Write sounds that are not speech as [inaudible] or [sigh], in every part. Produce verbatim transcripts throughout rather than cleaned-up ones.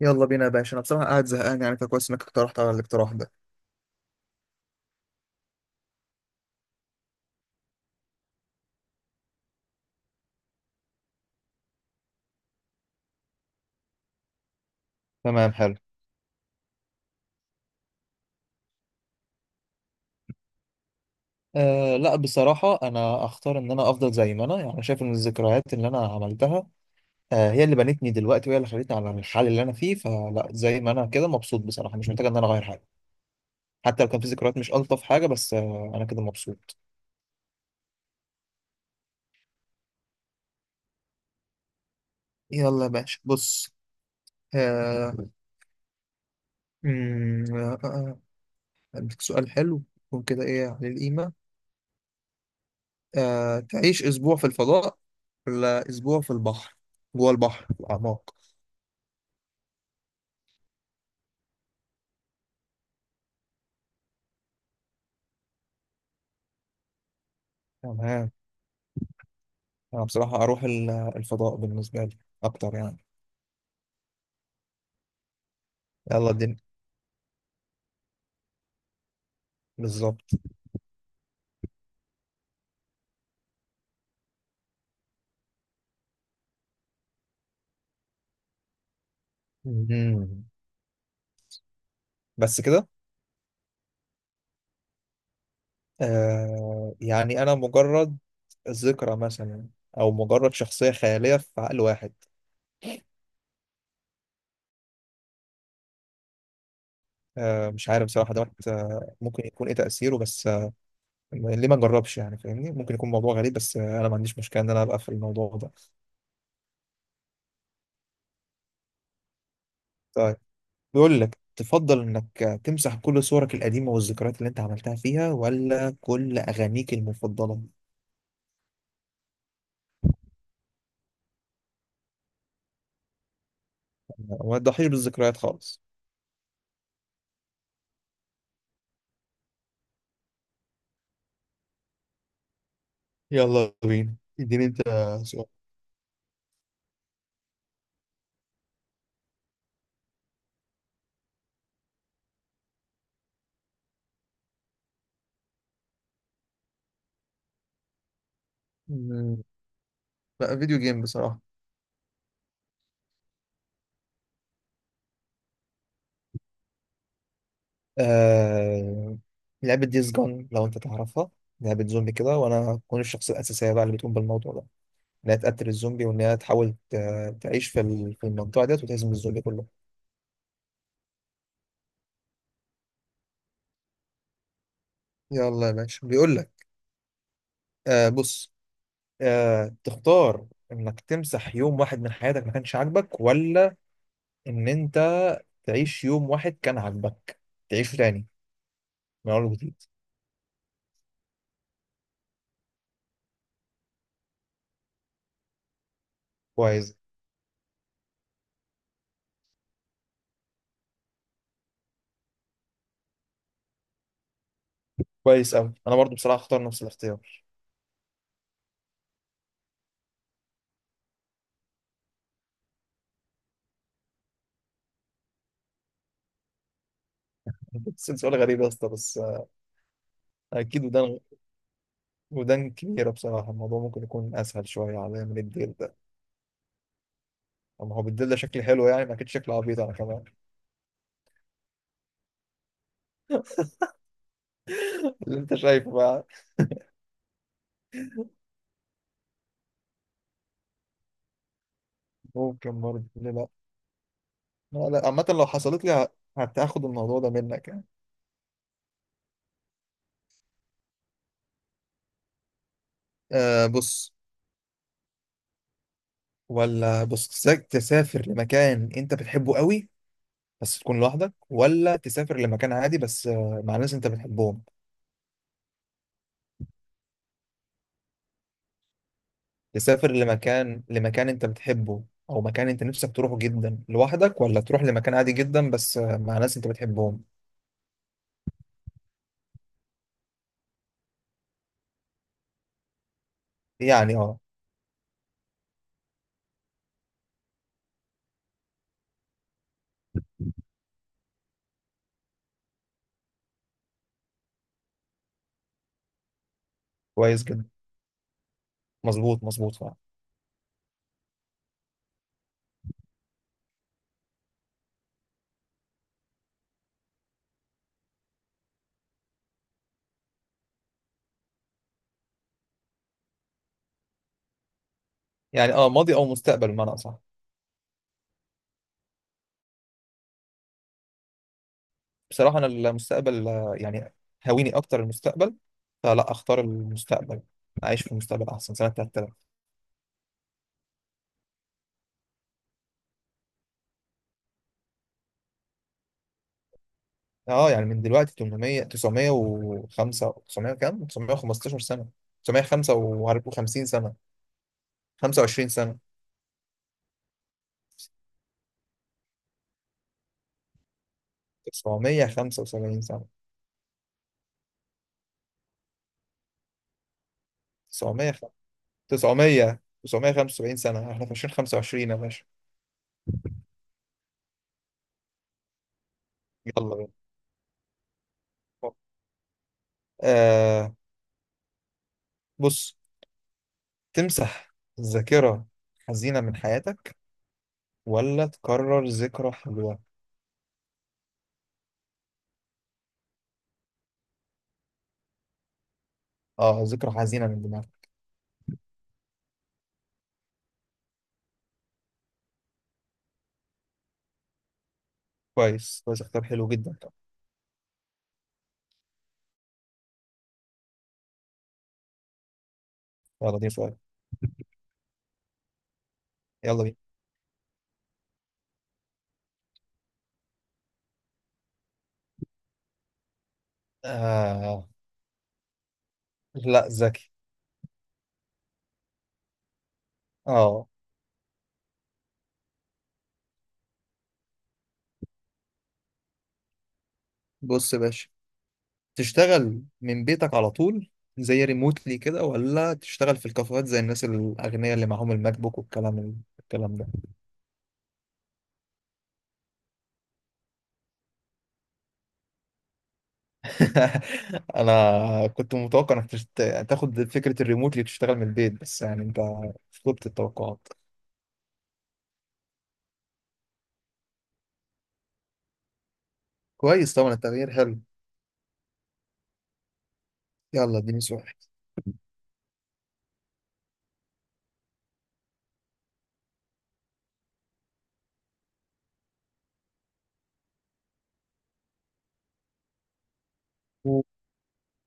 يلا بينا يا باشا، انا بصراحه قاعد زهقان، يعني فكويس انك اقترحت على الاقتراح ده. تمام، حلو. أه لا بصراحة أنا أختار إن أنا أفضل زي ما أنا، يعني شايف إن الذكريات اللي أنا عملتها أه هي اللي بنتني دلوقتي، وهي اللي خلتني على الحال اللي أنا فيه، فلا زي ما أنا كده مبسوط بصراحة، مش محتاج إن أنا أغير حاجة. حتى لو كان في ذكريات مش ألطف حاجة، بس أه أنا كده مبسوط. يلا يا باشا بص. آه، أمم، آه، آه، آه، عندك سؤال حلو يكون كده ايه على القيمه. آه، تعيش أسبوع في الفضاء ولا أسبوع في البحر، جوه البحر في الأعماق؟ تمام. أنا بصراحة أروح ال- الفضاء بالنسبة لي أكتر يعني. يلا الدنيا. بالظبط. مم. بس كده. آه، يعني أنا مجرد ذكرى مثلا، أو مجرد شخصية خيالية في عقل واحد. آه مش عارف بصراحة دوت آه، ممكن يكون إيه تأثيره، بس آه ليه ما نجربش يعني، فاهمني؟ ممكن يكون موضوع غريب، بس آه أنا ما عنديش مشكلة إن أنا أبقى في الموضوع ده. طيب، بيقول لك تفضل انك تمسح كل صورك القديمة والذكريات اللي انت عملتها فيها، ولا كل اغانيك المفضلة وما تضحيش بالذكريات خالص؟ يلا بينا. اديني انت سؤال. مم، لا فيديو جيم بصراحة. آه... لعبة ديز جون، لو انت تعرفها، لعبة زومبي كده، وانا هكون الشخصية الأساسية بقى اللي بتقوم بالموضوع ده، انها تقتل الزومبي، وان هي تحاول ت- تعيش في ال- في المنطقة ديت، وتهزم الزومبي كله. يلا يا باشا، بيقول لك آه بص، آه، تختار انك تمسح يوم واحد من حياتك ما كانش عاجبك، ولا ان انت تعيش يوم واحد كان عاجبك، تعيشه تاني من اول وجديد؟ كويس. كويس قوي، انا برضو بصراحه اختار نفس الاختيار. [laughs] بس سؤال غريب يا اسطى، بس آه، اكيد ودان. ودان كبيره بصراحه، الموضوع ممكن يكون اسهل شويه عليا من الديل ده. اما هو بالديل ده شكلي حلو يعني، ما اكيد شكله عبيط انا كمان. [laughs] اللي انت شايفه بقى. ممكن برضه، ليه لا. لا لا، عامه لو حصلت لي ه- هتاخد الموضوع ده منك يعني. أه بص، ولا بص تسا- تسافر لمكان انت بتحبه قوي بس تكون لوحدك، ولا تسافر لمكان عادي بس آه، مع ناس انت بتحبهم؟ تسافر لمكان لمكان انت بتحبه او مكان انت نفسك تروحه جدا لوحدك، ولا تروح لمكان عادي جدا بس آه، مع ناس انت بتحبهم؟ يعني اه. كويس جدا. مظبوط مظبوط فعلا. يعني اه ماضي او مستقبل بمعنى اصح؟ بصراحة انا المستقبل آه، يعني هويني اكتر المستقبل، فلا اختار المستقبل، اعيش في المستقبل احسن، سنة ثلاثة آلاف. اه يعني من دلوقتي تمنمية، تسعمية وخمسة، تسعمية، كام، تسعمائة وخمسة عشر سنة، تسعمية وخمسة وخمسين سنة، خمسة وعشرين سنة، تسعمية وخمسة وسبعين سنة، تسعمية، تسعمية، تسعمية وخمسة وسبعين سنة. احنا في ألفين وخمسة وعشرين يا باشا. يلا بينا. آه بص، تمسح ذاكرة حزينة من حياتك، ولا تكرر ذكرى حلوة؟ اه ذكرى حزينة من دماغك. كويس، كويس اختيار حلو جدا. يلا دي سؤال. يلا بينا. آه، لا ذكي. اه. بص يا باشا، تشتغل من بيتك على طول زي ريموتلي كده، ولا تشتغل في الكافيهات زي الناس الأغنياء اللي معاهم الماك بوك والكلام الكلام ده؟ [laughs] أنا كنت متوقع إنك تشت... تاخد فكرة الريموتلي وتشتغل من البيت، بس يعني أنت فوقت التوقعات. كويس، طبعا التغيير حلو. يلا اديني سؤال.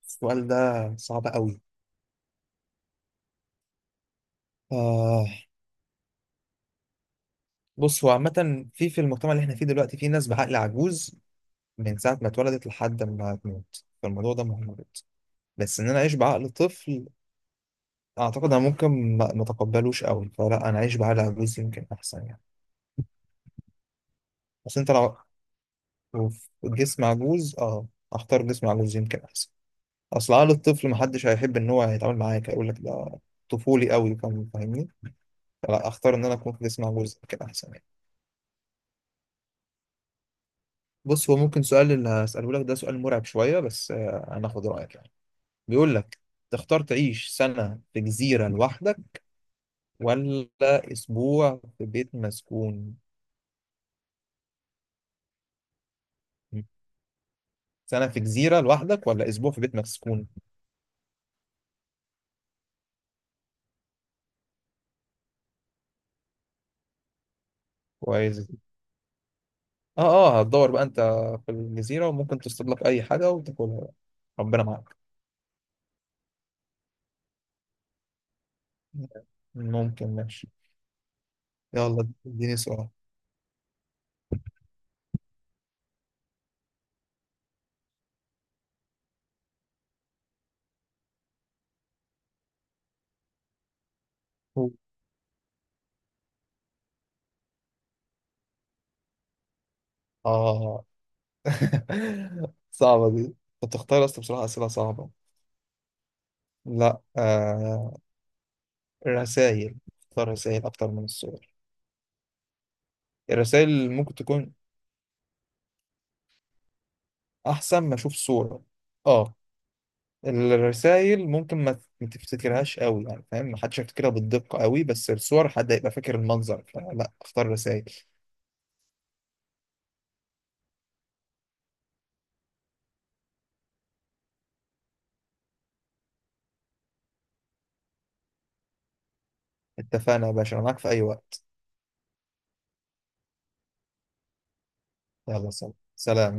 السؤال ده صعب قوي. آه بص، هو عامة في في المجتمع اللي احنا فيه دلوقتي في ناس بعقل عجوز من ساعة ما اتولدت لحد ما تموت، فالموضوع ده مهم. بس ان انا اعيش بعقل طفل، اعتقد انا ممكن ما ما اتقبلوش قوي، فلا انا اعيش بعقل عجوز يمكن احسن يعني. بس انت لو في جسم عجوز، اه اختار جسم عجوز يمكن احسن. اصل عقل الطفل محدش هيحب ان هو يتعامل معاك، يقول لك ده طفولي قوي، فاهم- فاهمني؟ فلا اختار ان انا اكون في جسم عجوز يمكن احسن يعني. بص هو ممكن سؤال اللي هسأله لك ده سؤال مرعب شوية، بس آه، انا اخد رأيك يعني. بيقول لك، تختار تعيش سنة في جزيرة لوحدك، ولا أسبوع في بيت مسكون؟ سنة في جزيرة لوحدك ولا أسبوع في بيت مسكون؟ كويس. اه. اه هتدور بقى أنت في الجزيرة، وممكن تصطاد لك أي حاجة وتاكلها بقى. ربنا معاك. ممكن، ماشي. يلا اديني سؤال. اه. [laughs] صعبة دي، أنت بتختار أصلا بصراحة أسئلة صعبة. لا آه، الرسائل. اختار رسائل أكتر من الصور. الرسائل ممكن تكون أحسن ما أشوف صورة. اه، الرسائل ممكن ما ما تفتكرهاش قوي، يعني فاهم، ما حدش هيفتكرها بالدقة قوي، بس الصور حد هيبقى فاكر المنظر، فلا اختار رسائل. اتفقنا يا باشا، انا معاك في اي وقت. يلا، سلام سلام.